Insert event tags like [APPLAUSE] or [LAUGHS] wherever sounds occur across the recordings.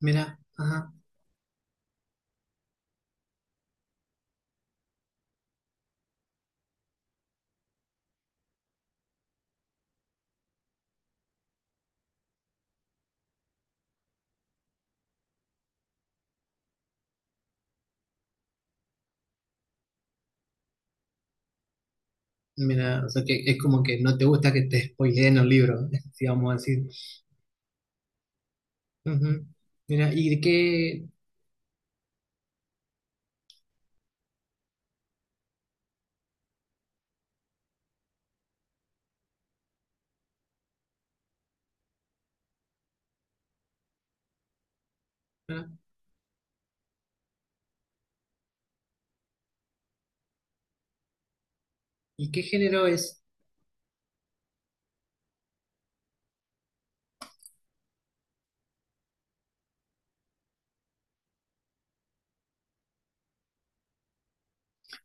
Mira, ajá, mira, o sea que es como que no te gusta que te spoileen los libros, [LAUGHS] si vamos a decir. Ujú. Mira, ah, ¿y qué género es?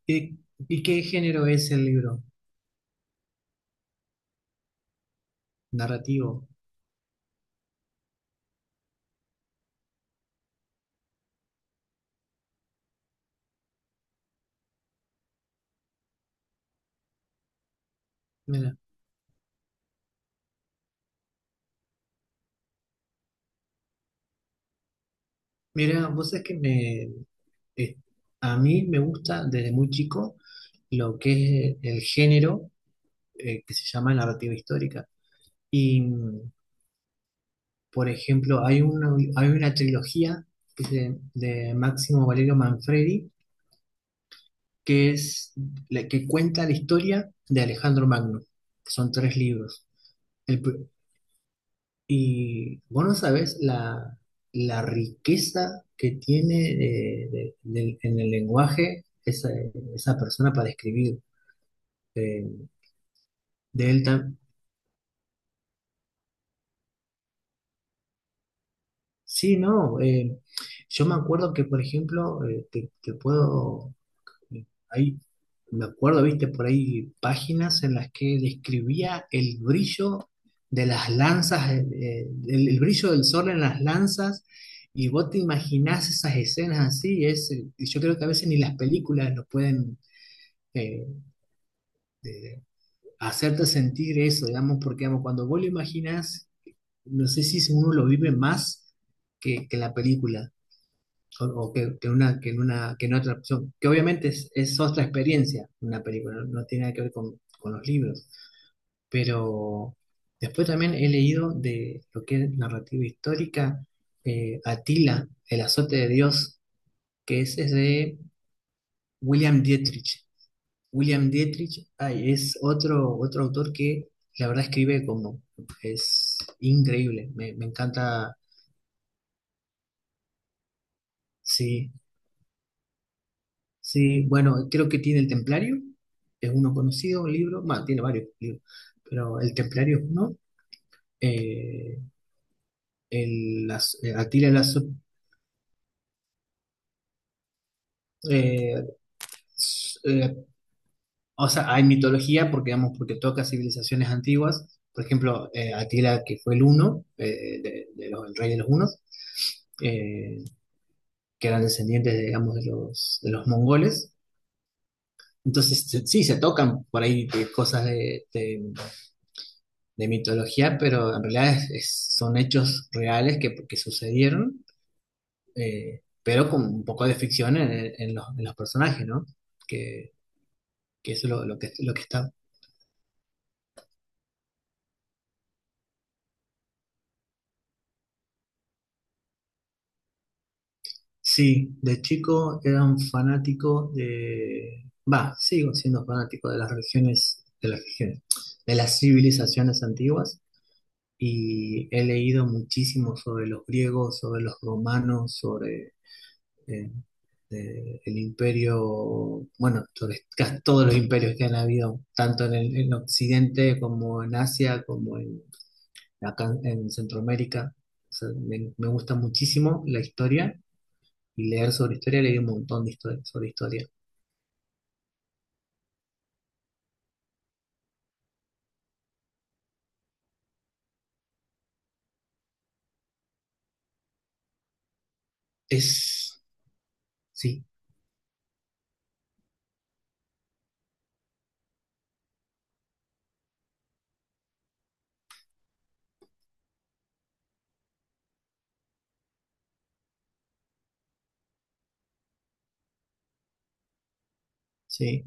¿Y, y qué género es el libro? Narrativo. Mira, mira, vos sabés que eh, a mí me gusta desde muy chico lo que es el género que se llama narrativa histórica. Y, por ejemplo, hay una trilogía que es de Máximo Valerio Manfredi que es la que cuenta la historia de Alejandro Magno. Que Son tres libros. El pr- y vos no sabés la riqueza que tiene en el lenguaje esa persona para escribir. eh, de él tam- Sí, no. Yo me acuerdo que, por ejemplo, te, te puedo Ahí me acuerdo, viste, por ahí páginas en las que describía el brillo de las lanzas, el brillo del sol en las lanzas, y vos te imaginás esas escenas así, y yo creo que a veces ni las películas nos pueden eh, de- hacerte sentir eso, digamos, porque digamos, cuando vos lo imaginás, no sé si uno lo vive más que la película o que una, que en otra opción. Que obviamente es otra experiencia una película, no tiene nada que ver con los libros. Pero después también he leído de lo que es narrativa histórica, Atila, El azote de Dios, que ese es de William Dietrich. William Dietrich, ay, es otro, otro autor que la verdad escribe como es increíble, me encanta. Sí, Sí, bueno, creo que tiene el Templario, es uno conocido, un libro, más, tiene varios libros, pero el Templario es uno. Eh, el, las- Atila la Su- eh, s- O sea, hay mitología porque, digamos, porque toca civilizaciones antiguas, por ejemplo, Atila que fue el uno, de el rey de los hunos, eh, que eran descendientes, de, digamos, de los mongoles, sí, se tocan por ahí cosas de mitología, pero en realidad son hechos reales que sucedieron, pero con un poco de ficción en, en los personajes, ¿no? Que, que eso es lo que está. Sí, de chico era un fanático de... Va, sigo siendo fanático de las religiones, de las civilizaciones antiguas y he leído muchísimo sobre los griegos, sobre los romanos, sobre eh, el imperio, bueno, sobre casi todos los imperios que han habido, tanto en Occidente como en Asia, como en, acá en Centroamérica. O sea, me gusta muchísimo la historia y leer sobre historia, leí un montón de historia, sobre historia. Es, sí, sí,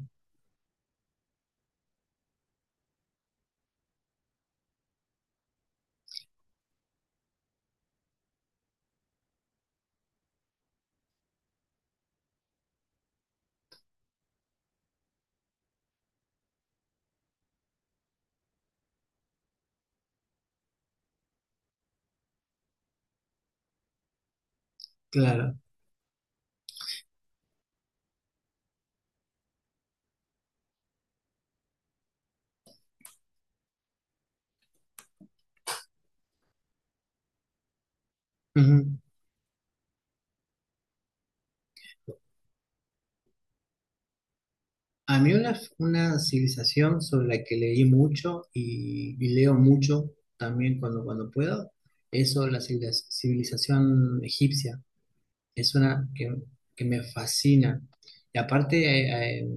claro. Ujú. A mí una civilización sobre la que leí mucho y leo mucho también cuando, cuando puedo, es sobre la civilización egipcia. Es una que me fascina. Y aparte,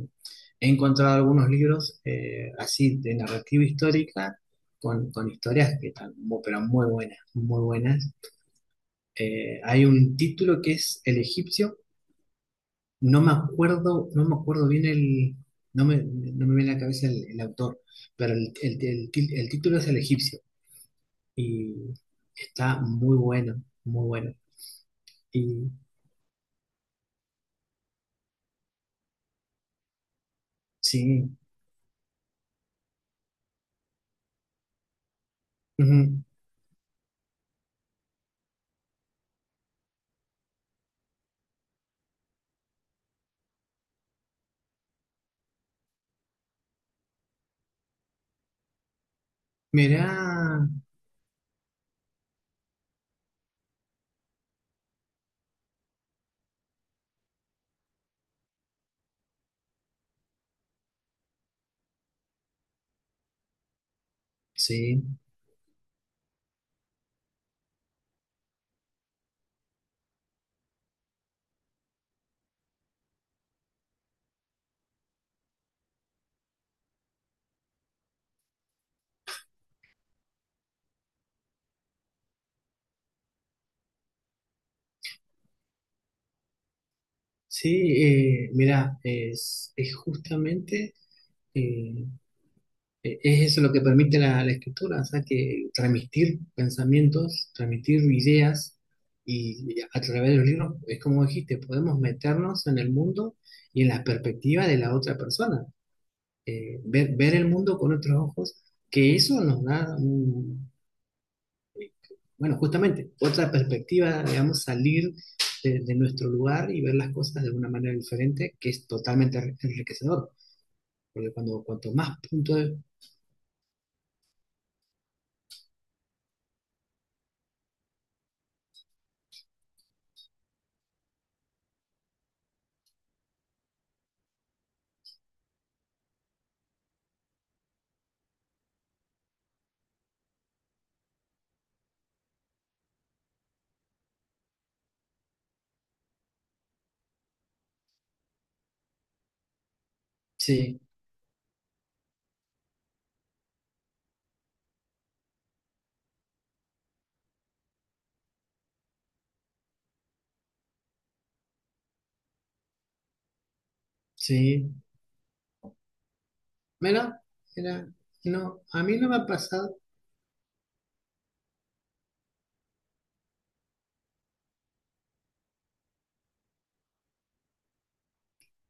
he encontrado algunos libros así de narrativa histórica con historias que están, pero muy buenas, muy buenas. Hay un título que es El egipcio, no me acuerdo, no me acuerdo bien el, no me, no me viene a la cabeza el autor, pero el, el título es El egipcio y está muy bueno, muy bueno. Y sí, mira. Sí, sí, mira, es justamente eh, es eso lo que permite la, la escritura, o sea, que transmitir pensamientos, transmitir ideas y a través de los libros, es como dijiste, podemos meternos en el mundo y en la perspectiva de la otra persona, ver el mundo con otros ojos, que eso nos da, un- bueno, justamente, otra perspectiva, digamos, salir de nuestro lugar y ver las cosas de una manera diferente, que es totalmente enriquecedor, porque cuando cuanto más puntos, de- sí, sí, mira, mira, no, a mí no me ha pasado,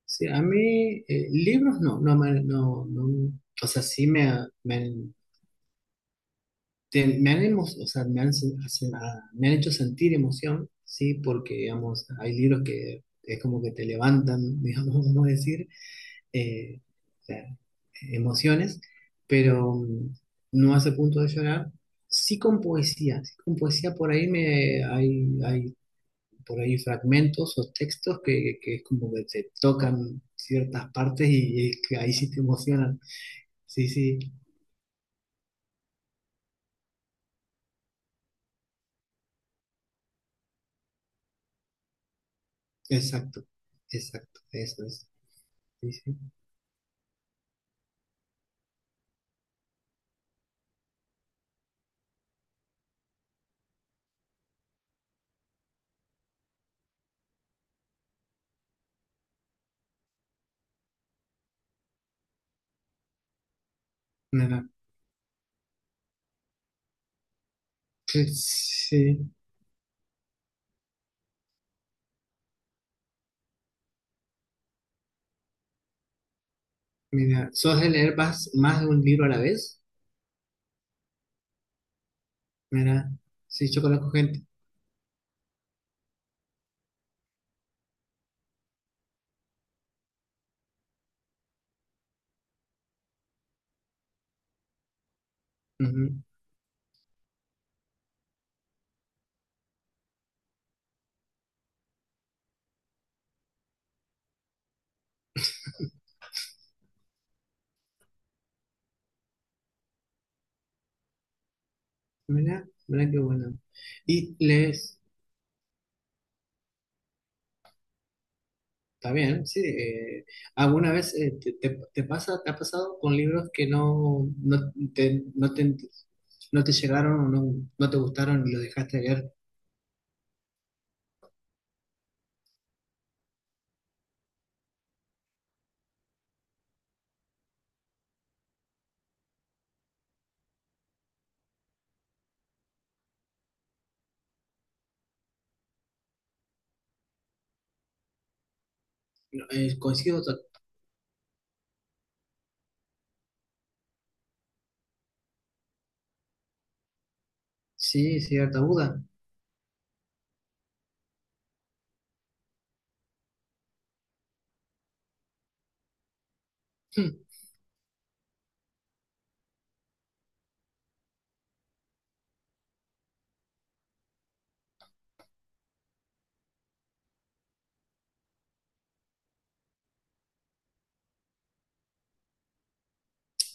sí, a mí libros no, no, me- no, no, o sea, sí me, ha- me, han- te- me han, emo- o sea, me han, sen- hacen- ah, me han hecho sentir emoción, sí, porque, digamos, hay libros que es como que te levantan, [LAUGHS] digamos, vamos a decir eh, o sea, emociones, pero no hace punto de llorar. Sí con poesía por ahí me hay, hay por ahí fragmentos o textos que es como que te tocan ciertas partes y que ahí sí te emocionan. Sí, sí, exacto, exacto, eso es. Sí, sí. Mira, que- sí, mira, ¿sos de leer más, más de un libro a la vez? Mira, sí, yo conozco gente. Mirá, mirá qué bueno. Y lees, está bien, sí. ¿Alguna vez te pasa, te ha pasado con libros que no, no te, no te, no te llegaron o no, no te gustaron y los dejaste de leer? Coincido, to- sí, cierta duda. Hmm.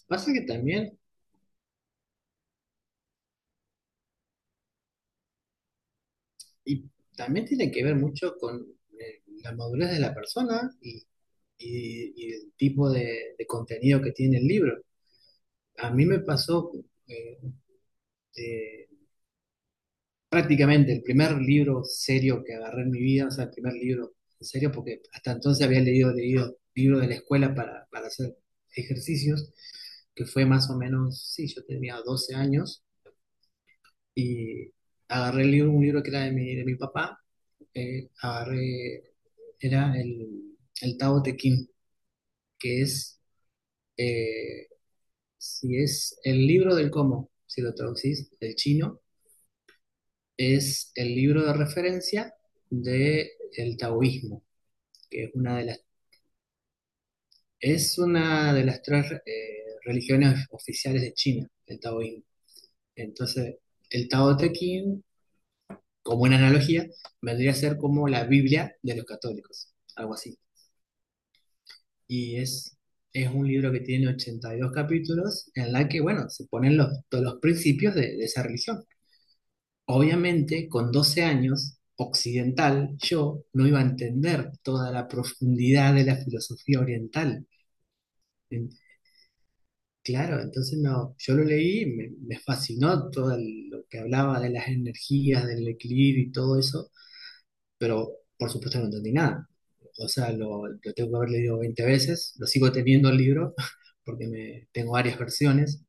Pasa que también, y también tiene que ver mucho con la madurez de la persona y, y el tipo de contenido que tiene el libro. A mí me pasó... eh, de- prácticamente el primer libro serio que agarré en mi vida, o sea, el primer libro en serio, porque hasta entonces había leído, leído libros de la escuela para hacer ejercicios, que fue más o menos, sí, yo tenía 12 años y agarré el libro, un libro que era de mi papá, eh, agarré, era el Tao Te Ching, que es, eh, si es el libro del cómo, si lo traducís del chino, es el libro de referencia del taoísmo que es una de las, es una de las tres religiones oficiales de China, el taoísmo. Entonces, el Tao Te Ching, como una analogía, vendría a ser como la Biblia de los católicos, algo así. Y es un libro que tiene 82 capítulos en la que, bueno, se ponen los, todos los principios de esa religión. Obviamente, con 12 años, occidental, yo no iba a entender toda la profundidad de la filosofía oriental. En- Claro, entonces no, yo lo leí, me fascinó todo el- lo que hablaba de las energías, del equilibrio y todo eso, pero por supuesto no entendí nada. O sea, lo tengo que haber leído 20 veces, lo sigo teniendo el libro, [LAUGHS] porque me, tengo varias versiones,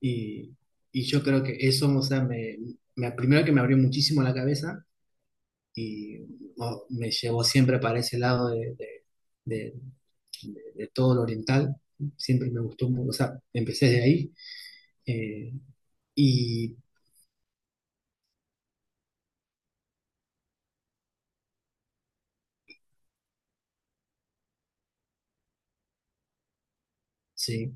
y, y yo creo que eso, o sea, primero que me abrió muchísimo la cabeza y oh, me llevó siempre para ese lado de, de- de todo lo oriental, siempre me gustó, mu- o sea, empecé de ahí. Eh, Y sí,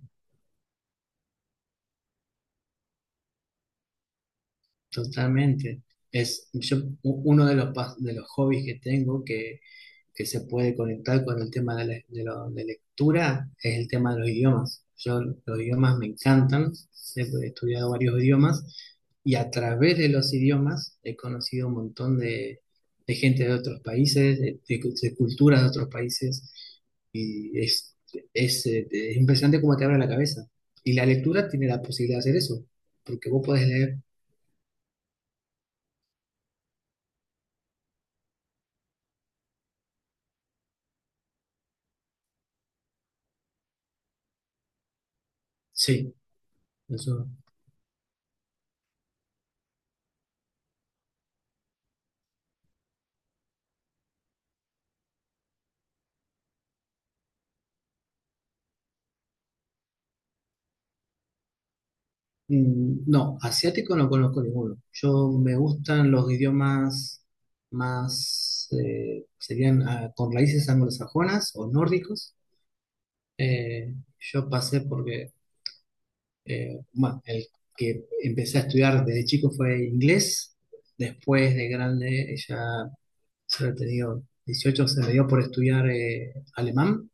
totalmente. Es yo, u- uno de los, pas- de los hobbies que tengo, que se puede conectar con el tema de, la- de lo- de lectura es el tema de los idiomas. Yo los idiomas me encantan, he estudiado varios idiomas y a través de los idiomas he conocido un montón de gente de otros países, de, de culturas de otros países y es, es impresionante cómo te abre la cabeza. Y la lectura tiene la posibilidad de hacer eso, porque vos podés leer, sí, eso. Mm, no, asiático no conozco ninguno. Yo me gustan los idiomas más, serían ah, con raíces anglosajonas o nórdicos. Eh, yo pasé porque, bueno, el que empecé a estudiar desde chico fue inglés. Después de grande, ya se había tenido 18, se me dio por estudiar alemán.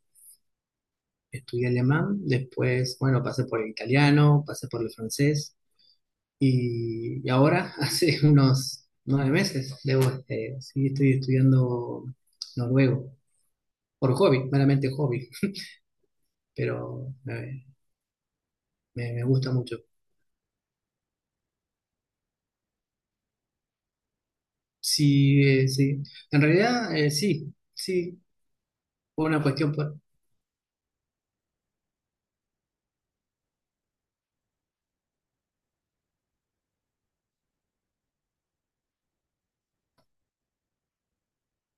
Estudié alemán. Después, bueno, pasé por el italiano, pasé por el francés. Y ahora, [LAUGHS] hace unos 9 meses, debo, este, sí, estoy estudiando noruego, por hobby, meramente hobby, pero me, me gusta mucho. Sí, sí, en realidad sí, sí, fue una cuestión por...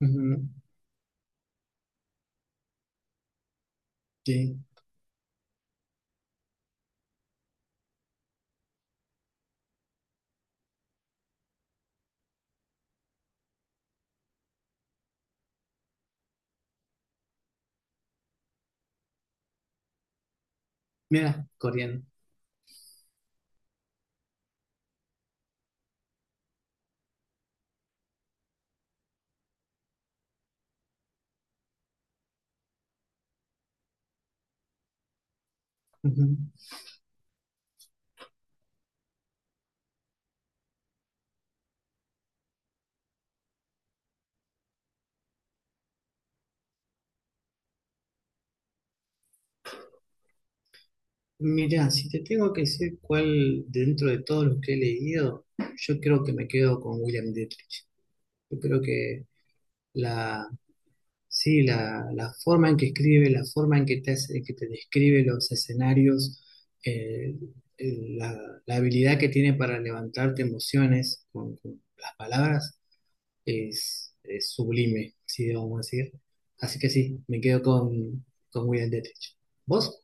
Ujú, sí, mira, coreano. Ujú. Mira, si te tengo que decir cuál dentro de todos los que he leído, yo creo que me quedo con William Dietrich. Yo creo que la, sí, la forma en que escribe, la forma en que te, hace- que te describe los escenarios, eh, la, la habilidad que tiene para levantarte emociones con las palabras es sublime, si debemos decir. Así que sí, me quedo con William Detrich. ¿Vos?